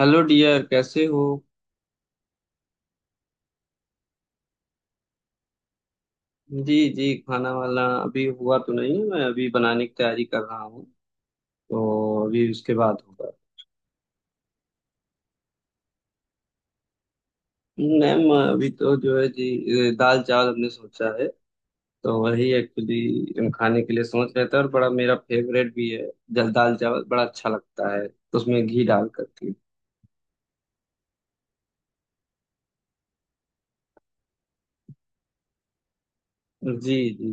Hello dear, कैसे हो। जी जी, खाना वाला अभी हुआ तो नहीं है, मैं अभी बनाने की तैयारी कर रहा हूँ। तो अभी उसके बाद होगा। मैम अभी तो जो है जी दाल चावल हमने सोचा है। तो वही एक्चुअली हम खाने के लिए सोच रहे थे, और बड़ा मेरा फेवरेट भी है। जल दाल चावल बड़ा अच्छा लगता है, तो उसमें घी डाल करके। जी जी,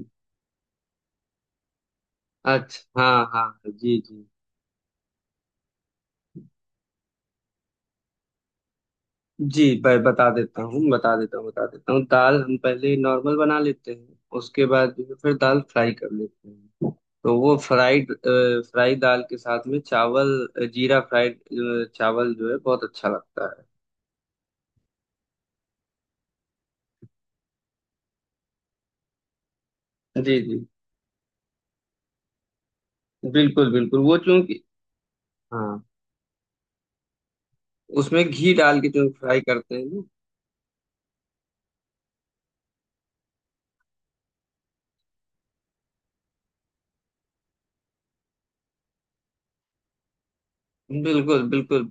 अच्छा हाँ हाँ। जी जी जी, मैं बता देता हूँ बता देता हूँ बता देता हूँ दाल हम पहले नॉर्मल बना लेते हैं, उसके बाद जो है फिर दाल फ्राई कर लेते हैं। तो वो फ्राइड फ्राई दाल के साथ में चावल। जीरा फ्राइड चावल जो है बहुत अच्छा लगता है। जी जी बिल्कुल बिल्कुल वो चूंकि। हाँ। उसमें घी डाल के चूंकि फ्राई करते हैं ना। बिल्कुल बिल्कुल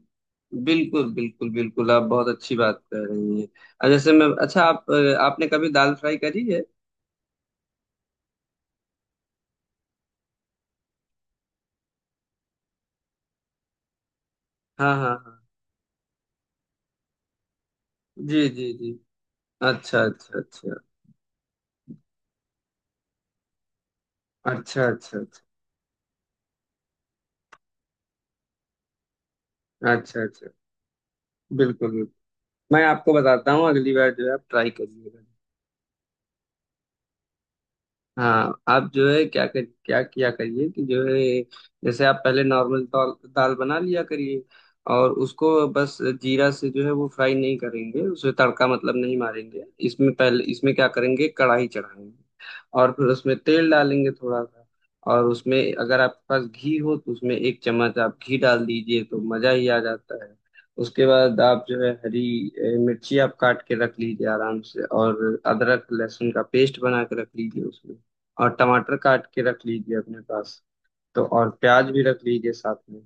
बिल्कुल बिल्कुल बिल्कुल, आप बहुत अच्छी बात कर रही हैं। जैसे मैं अच्छा आप आपने कभी दाल फ्राई करी है। हाँ हाँ हाँ, जी जी जी। अच्छा अच्छा अच्छा अच्छा अच्छा अच्छा अच्छा अच्छा। बिल्कुल बिल्कुल, मैं आपको बताता हूँ अगली बार जो है आप ट्राई करिएगा। हाँ आप जो है क्या किया करिए कि जो है, जैसे आप पहले नॉर्मल दाल दाल बना लिया करिए। और उसको बस जीरा से जो है वो फ्राई नहीं करेंगे, उसे तड़का मतलब नहीं मारेंगे, इसमें पहले इसमें क्या करेंगे कढ़ाई चढ़ाएंगे। और फिर उसमें तेल डालेंगे थोड़ा सा। और उसमें अगर आपके पास घी हो तो उसमें एक चम्मच आप घी डाल दीजिए तो मजा ही आ जाता है। उसके बाद आप जो है हरी मिर्ची आप काट के रख लीजिए आराम से, और अदरक लहसुन का पेस्ट बना के रख लीजिए उसमें। और टमाटर काट के रख लीजिए अपने पास। तो और प्याज भी रख लीजिए साथ में।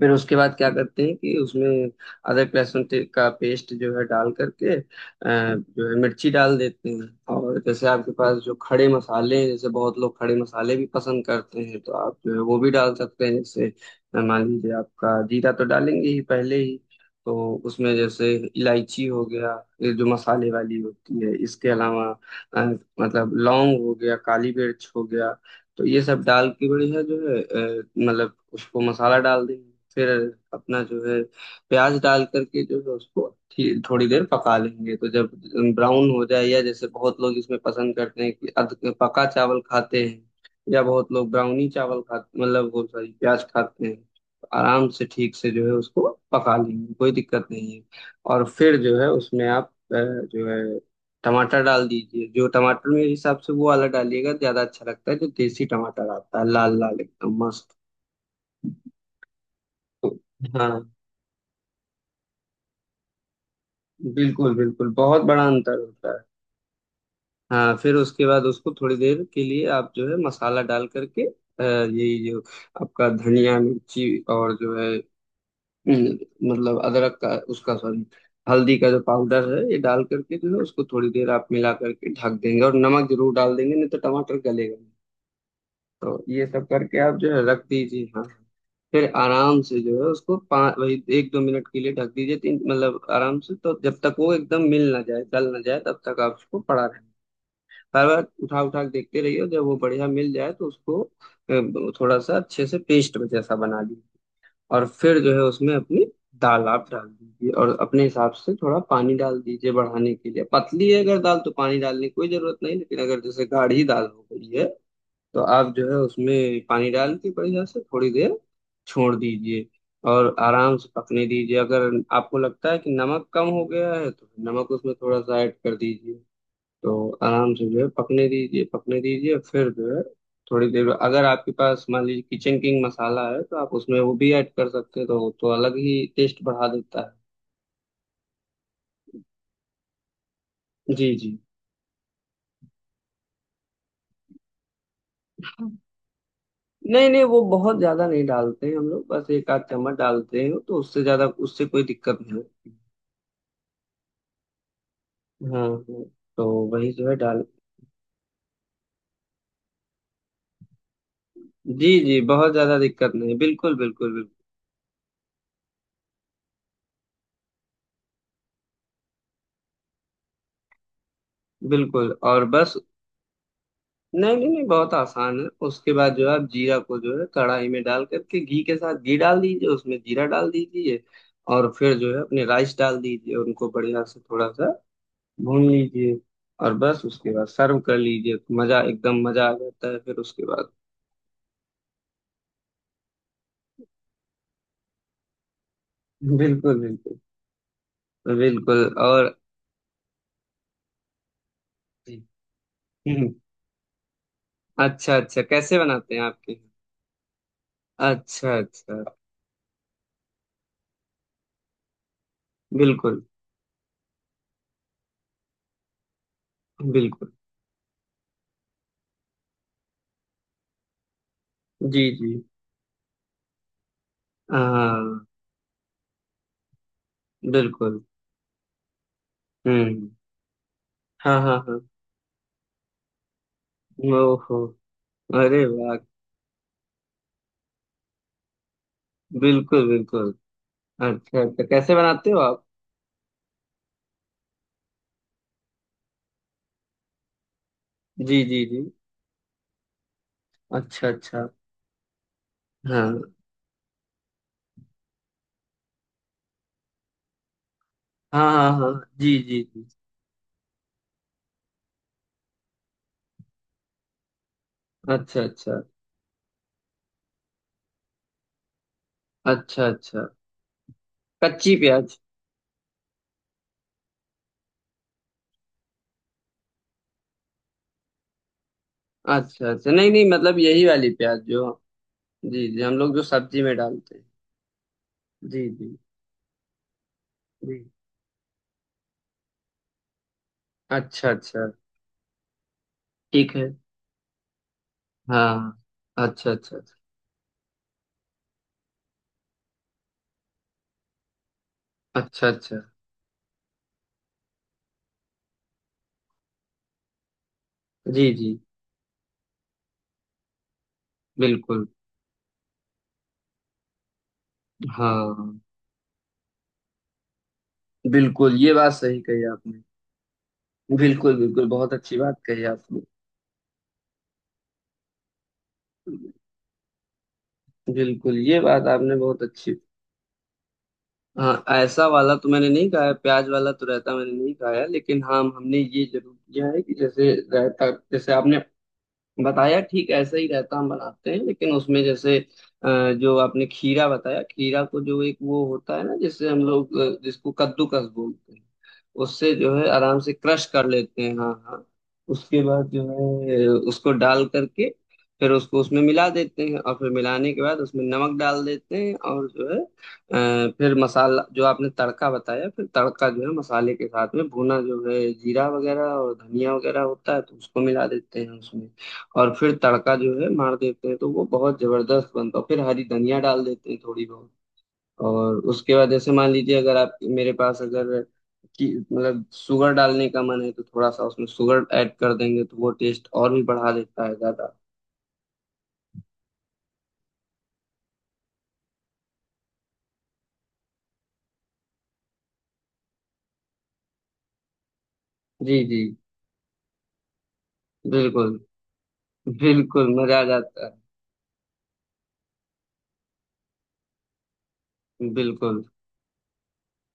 फिर उसके बाद क्या करते हैं कि उसमें अदरक लहसुन का पेस्ट जो है डाल करके जो है मिर्ची डाल देते हैं। और जैसे आपके पास जो खड़े मसाले हैं, जैसे बहुत लोग खड़े मसाले भी पसंद करते हैं तो आप जो है वो भी डाल सकते हैं, जैसे मान लीजिए आपका जीरा तो डालेंगे ही पहले ही। तो उसमें जैसे इलायची हो गया, ये जो मसाले वाली होती है इसके अलावा अ, मतलब लौंग हो गया काली मिर्च हो गया। तो ये सब डाल के बढ़िया जो है मतलब उसको मसाला डाल देंगे। फिर अपना जो है प्याज डाल करके जो है उसको थोड़ी देर पका लेंगे। तो जब ब्राउन हो जाए, या जैसे बहुत लोग इसमें पसंद करते हैं कि अध पका चावल खाते हैं, या बहुत लोग ब्राउनी चावल खाते मतलब वो सॉरी प्याज खाते हैं, तो आराम से ठीक से जो है उसको पका लेंगे कोई दिक्कत नहीं है। और फिर जो है उसमें आप जो है टमाटर डाल दीजिए। जो टमाटर मेरे हिसाब से वो वाला डालिएगा ज्यादा अच्छा लगता है, जो देसी टमाटर आता है लाल लाल एकदम मस्त। हाँ बिल्कुल बिल्कुल, बहुत बड़ा अंतर होता है। हाँ फिर उसके बाद उसको थोड़ी देर के लिए आप जो है मसाला डाल करके यही जो आपका धनिया मिर्ची और जो है अम, मतलब अदरक का उसका सॉरी हल्दी का जो पाउडर है ये डाल करके जो है उसको थोड़ी देर आप मिला करके ढक देंगे, और नमक जरूर डाल देंगे नहीं तो टमाटर गलेगा। तो ये सब करके आप जो है रख दीजिए। हाँ हाँ। फिर आराम से जो है उसको पाँच वही एक दो मिनट के लिए ढक दीजिए, तीन मतलब आराम से, तो जब तक वो एकदम मिल ना जाए गल ना जाए तब तक आप उसको पड़ा रहे। बार बार उठा उठा के देखते रहिए, और जब वो बढ़िया मिल जाए तो उसको थोड़ा सा अच्छे से पेस्ट जैसा बना लीजिए। और फिर जो है उसमें अपनी दाल आप डाल दीजिए, और अपने हिसाब से थोड़ा पानी डाल दीजिए बढ़ाने के लिए। पतली है अगर दाल तो पानी डालने की कोई जरूरत नहीं, लेकिन अगर जैसे गाढ़ी दाल हो गई है तो आप जो है उसमें पानी डाल के बढ़िया से थोड़ी देर छोड़ दीजिए। और आराम से पकने दीजिए। अगर आपको लगता है कि नमक कम हो गया है तो नमक उसमें थोड़ा सा ऐड कर दीजिए। तो आराम से जो है पकने दीजिए। फिर जो है थोड़ी देर, अगर आपके पास मान लीजिए किचन किंग मसाला है तो आप उसमें वो भी ऐड कर सकते हैं, तो वो तो अलग ही टेस्ट बढ़ा देता है। जी जी। नहीं नहीं वो बहुत ज्यादा नहीं डालते हैं हम लोग, बस एक आध चम्मच डालते हैं, तो उससे ज्यादा उससे कोई दिक्कत नहीं होती। हाँ हाँ, तो वही जो है डाल। जी जी बहुत ज्यादा दिक्कत नहीं, बिल्कुल बिल्कुल। बिल्कुल बिल्कुल और बस। नहीं नहीं नहीं बहुत आसान है, उसके बाद जो है आप जीरा को जो है कढ़ाई में डाल करके घी के साथ घी डाल दीजिए उसमें जीरा डाल दीजिए। और फिर जो है अपने राइस डाल दीजिए उनको बढ़िया से थोड़ा सा भून लीजिए। और बस उसके बाद सर्व कर लीजिए तो मजा एकदम मजा आ जाता है फिर उसके बाद। बिल्कुल बिल्कुल। बिल्कुल और। हम्म, अच्छा अच्छा कैसे बनाते हैं आपके। अच्छा अच्छा। बिल्कुल बिल्कुल। जी जी। हाँ। बिल्कुल। हम्म। हाँ हाँ हाँ। ओहो। अरे वाह। बिल्कुल बिल्कुल। अच्छा अच्छा कैसे बनाते हो आप। जी जी जी। अच्छा अच्छा। हाँ हाँ हाँ हाँ। जी जी जी। अच्छा अच्छा। अच्छा अच्छा कच्ची प्याज। अच्छा अच्छा नहीं नहीं मतलब यही वाली प्याज जो। जी जी, हम लोग जो सब्जी में डालते हैं। जी जी जी। अच्छा अच्छा। ठीक है। हाँ। अच्छा अच्छा। अच्छा अच्छा। जी जी। बिल्कुल। हाँ। बिल्कुल, ये बात सही कही आपने। बिल्कुल बिल्कुल, बहुत अच्छी बात कही आपने। बिल्कुल, ये बात आपने बहुत अच्छी। हाँ ऐसा वाला तो मैंने नहीं खाया, प्याज वाला तो रायता मैंने नहीं खाया, लेकिन हाँ हमने ये जरूर किया है कि जैसे रायता जैसे आपने बताया ठीक ऐसा ही रहता हम बनाते हैं, लेकिन उसमें जैसे अ, जो आपने खीरा बताया, खीरा को जो एक वो होता है ना जिससे हम लोग जिसको कद्दूकस बोलते हैं उससे जो है आराम से क्रश कर लेते हैं। हाँ हाँ। उसके बाद जो है उसको डाल करके फिर उसको उसमें मिला देते हैं, और फिर मिलाने के बाद उसमें नमक डाल देते हैं। और जो है फिर मसाला जो आपने तड़का बताया, फिर तड़का जो है मसाले के साथ में भुना जो है जीरा वगैरह और धनिया वगैरह होता है तो उसको मिला देते हैं उसमें। और फिर तड़का जो है मार देते हैं तो वो बहुत जबरदस्त बनता है, फिर हरी धनिया डाल देते हैं थोड़ी बहुत। और उसके बाद जैसे मान लीजिए अगर आप मेरे पास अगर कि मतलब शुगर डालने का मन है तो थोड़ा सा उसमें शुगर ऐड कर देंगे तो वो टेस्ट और भी बढ़ा देता है ज्यादा। जी जी, बिल्कुल बिल्कुल मजा आ जाता है। बिल्कुल।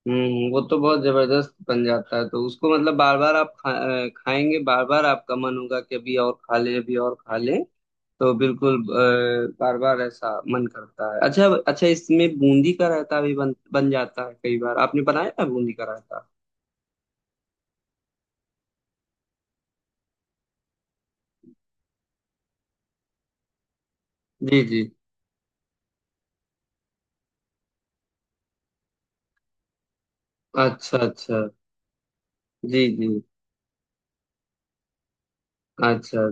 हम्म, वो तो बहुत जबरदस्त बन जाता है तो उसको मतलब बार बार आप खाएंगे, बार बार आपका मन होगा कि अभी और खा लें अभी और खा लें। तो बिल्कुल बार बार ऐसा मन करता है। अच्छा अच्छा, इसमें बूंदी का रायता भी बन बन जाता है कई बार, आपने बनाया है बूंदी का रायता। जी जी। अच्छा अच्छा। जी जी। अच्छा,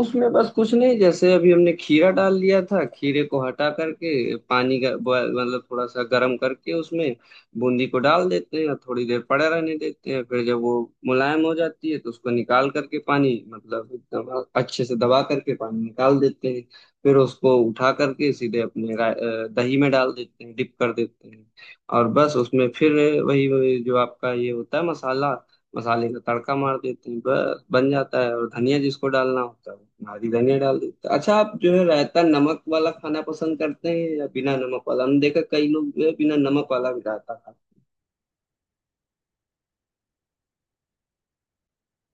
उसमें बस कुछ नहीं, जैसे अभी हमने खीरा डाल लिया था, खीरे को हटा करके पानी का मतलब थोड़ा सा गर्म करके उसमें बूंदी को डाल देते हैं, थोड़ी देर पड़ा रहने देते हैं। फिर जब वो मुलायम हो जाती है तो उसको निकाल करके पानी मतलब एकदम अच्छे से दबा करके पानी निकाल देते हैं। फिर उसको उठा करके सीधे अपने दही में डाल देते हैं, डिप कर देते हैं। और बस उसमें फिर वही जो आपका ये होता है मसाला, मसाले का तड़का मार देते हैं, बस बन जाता है। और धनिया जिसको डालना होता है वो हरी धनिया डाल देते हैं। अच्छा आप जो है रायता नमक वाला खाना पसंद करते हैं या बिना नमक वाला, हमने देखा कई लोग जो है बिना नमक वाला भी रायता खाते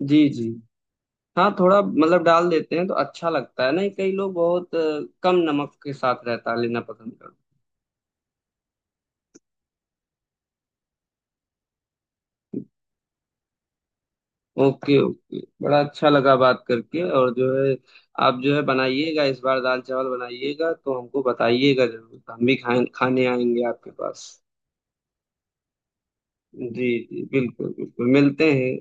हैं। जी जी। हाँ थोड़ा मतलब डाल देते हैं तो अच्छा लगता है, नहीं कई लोग बहुत कम नमक के साथ रायता लेना पसंद करते हैं। ओके ओके, बड़ा अच्छा लगा बात करके। और जो है आप जो है बनाइएगा इस बार, दाल चावल बनाइएगा तो हमको बताइएगा जरूर, हम भी खाए खाने आएंगे आपके पास। जी जी बिल्कुल बिल्कुल, मिलते हैं।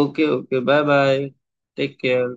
Okay okay, bye bye. Take care.